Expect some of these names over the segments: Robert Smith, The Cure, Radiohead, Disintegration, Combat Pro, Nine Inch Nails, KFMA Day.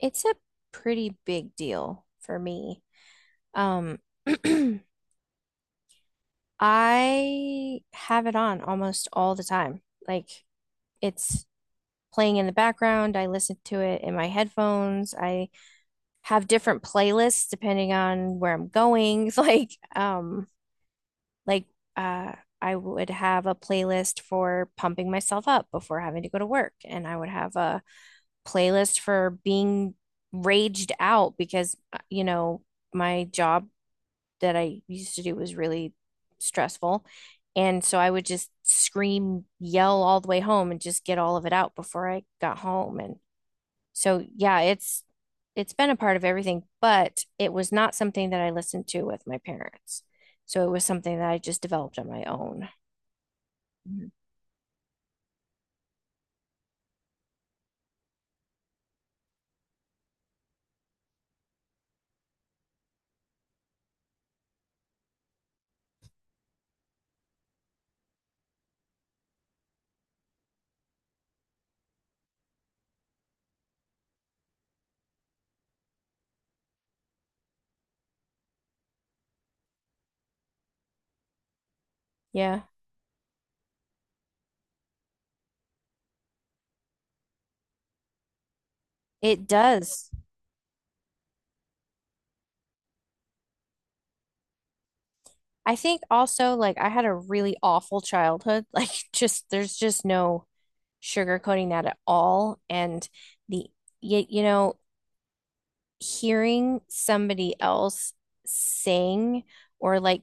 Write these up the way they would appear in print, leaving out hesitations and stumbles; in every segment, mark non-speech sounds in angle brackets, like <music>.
It's a pretty big deal for me. Um, <clears throat> I have it on almost all the time. Like it's playing in the background. I listen to it in my headphones. I have different playlists depending on where I'm going. <laughs> Like uh I would have a playlist for pumping myself up before having to go to work, and I would have a playlist for being raged out because, you know, my job that I used to do was really stressful. And so I would just scream, yell all the way home and just get all of it out before I got home. And so, yeah, it's been a part of everything, but it was not something that I listened to with my parents. So it was something that I just developed on my own. Mhm. Yeah, it does. I think also like I had a really awful childhood. <laughs> Like just there's just no sugarcoating that at all. And the you know, hearing somebody else sing or like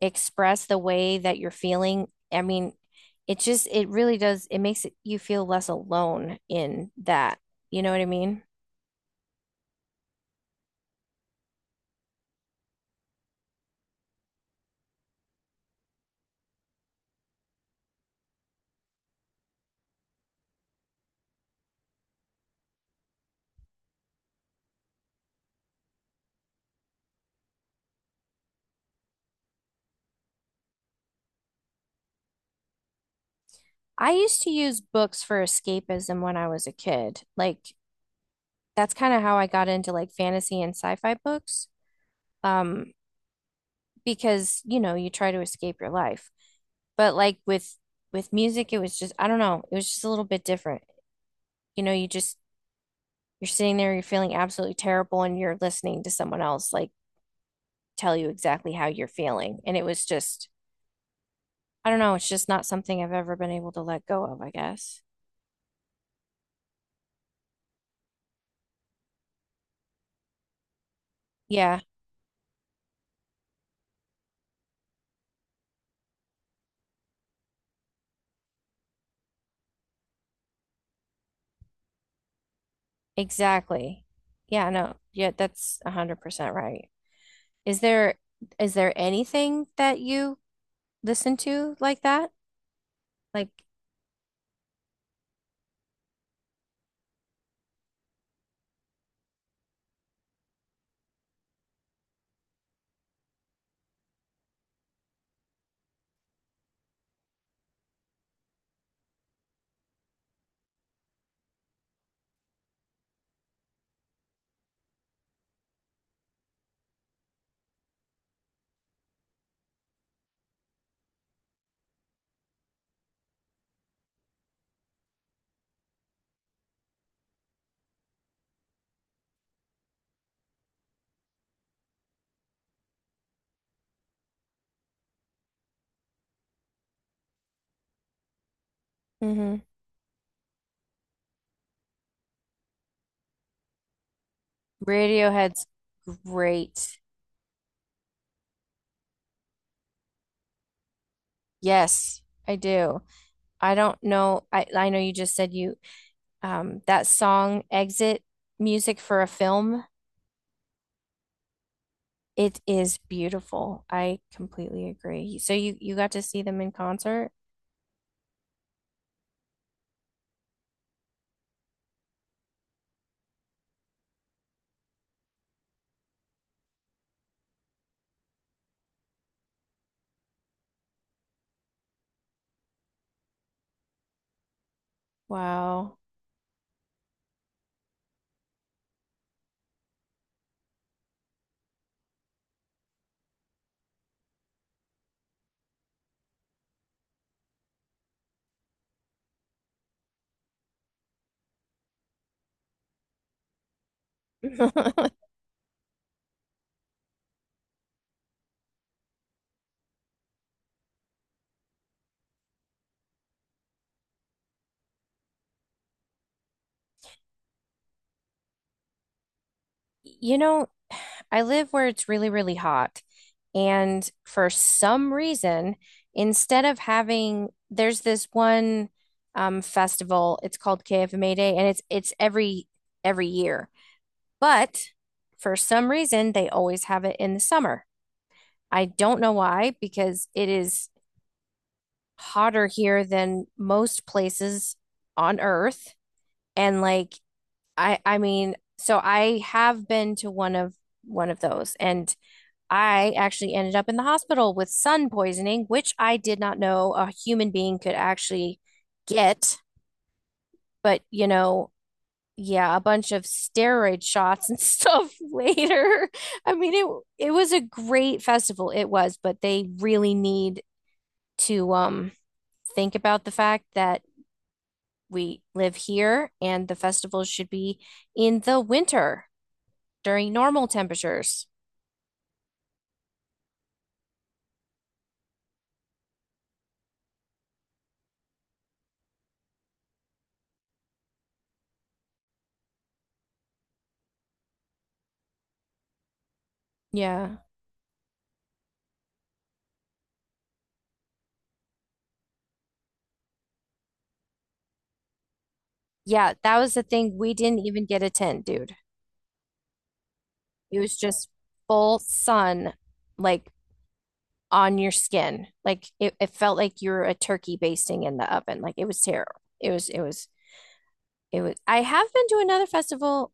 express the way that you're feeling, I mean, it just, it really does, it makes it, you feel less alone in that. You know what I mean? I used to use books for escapism when I was a kid. Like, that's kind of how I got into like fantasy and sci-fi books. Um, because, you know, you try to escape your life. But like with music, it was just, I don't know, it was just a little bit different. You know, you're sitting there, you're feeling absolutely terrible, and you're listening to someone else like tell you exactly how you're feeling. And it was just, I don't know, it's just not something I've ever been able to let go of, I guess. Yeah, exactly. Yeah, no, yeah, that's 100% right. Is there is there anything that you listen to like that? Like, hmm. Radiohead's great. Yes, I do. I don't know. I know you just said you that song exit music for a film. It is beautiful. I completely agree. So you got to see them in concert? Wow. <laughs> You know, I live where it's really, really hot. And for some reason, there's this one festival. It's called KFMA Day, and it's every year. But for some reason, they always have it in the summer. I don't know why, because it is hotter here than most places on Earth. And like so I have been to one of those and I actually ended up in the hospital with sun poisoning, which I did not know a human being could actually get, but you know, yeah, a bunch of steroid shots and stuff <laughs> later. I mean, it was a great festival, it was, but they really need to think about the fact that we live here and the festival should be in the winter during normal temperatures. Yeah. Yeah, that was the thing. We didn't even get a tent, dude. It was just full sun, like on your skin. Like it felt like you're a turkey basting in the oven. Like it was terrible. It was. I have been to another festival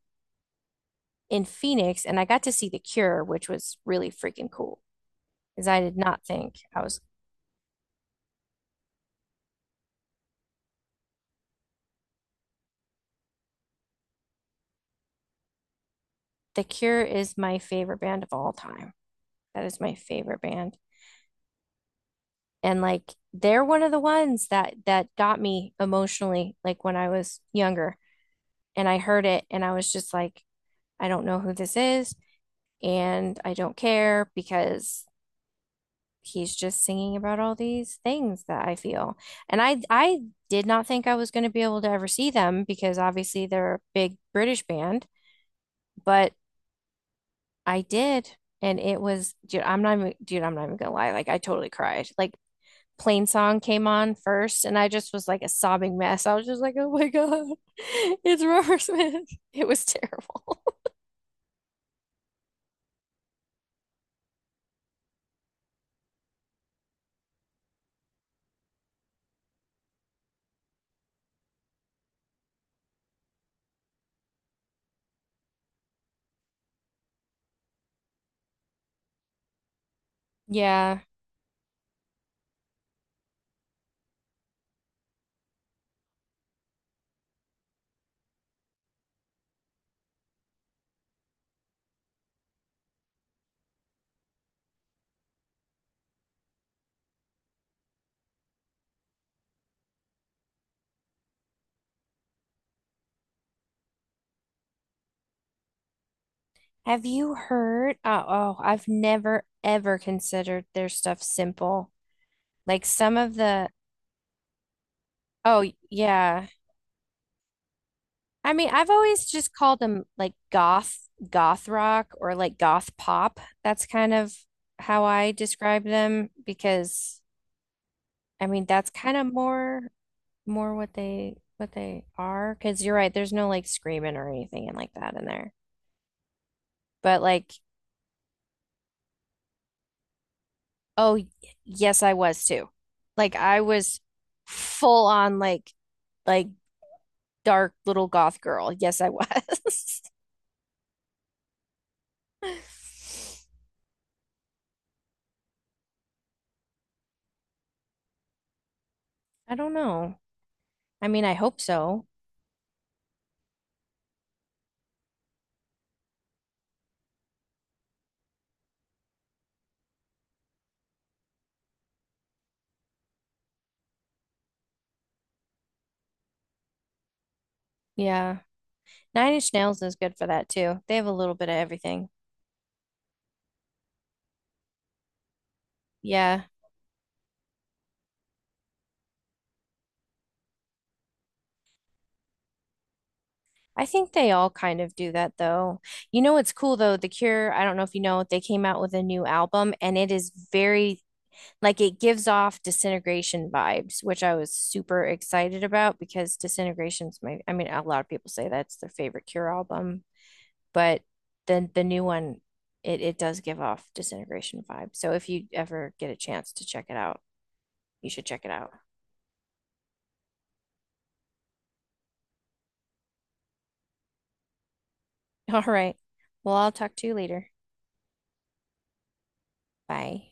in Phoenix and I got to see The Cure, which was really freaking cool because I did not think I was. The Cure is my favorite band of all time. That is my favorite band. And like they're one of the ones that got me emotionally like when I was younger and I heard it and I was just like I don't know who this is and I don't care because he's just singing about all these things that I feel. And I did not think I was going to be able to ever see them because obviously they're a big British band, but I did. And it was, dude, I'm not even, dude, I'm not even gonna lie. Like, I totally cried. Like, Plain Song came on first, and I just was like a sobbing mess. I was just like, oh my God, <laughs> it's Robert Smith. <laughs> It was terrible. <laughs> Yeah. Have you heard? Oh, I've never ever considered their stuff simple. Like, some of the, oh, yeah. I mean, I've always just called them like goth, goth rock or like goth pop. That's kind of how I describe them because I mean, that's kind of more what they are because you're right, there's no like screaming or anything and like that in there. But like, oh, y- yes, I was too. Like I was full on like dark little goth girl. Yes, I was. <laughs> I don't know. I mean, I hope so. Yeah. Nine Inch Nails is good for that too. They have a little bit of everything. Yeah. I think they all kind of do that though. You know what's cool though? The Cure, I don't know if you know, they came out with a new album and it is very like it gives off Disintegration vibes, which I was super excited about because Disintegration's my I mean a lot of people say that's their favorite Cure album, but then the new one it does give off Disintegration vibes. So if you ever get a chance to check it out, you should check it out. <laughs> All right. Well, I'll talk to you later. Bye.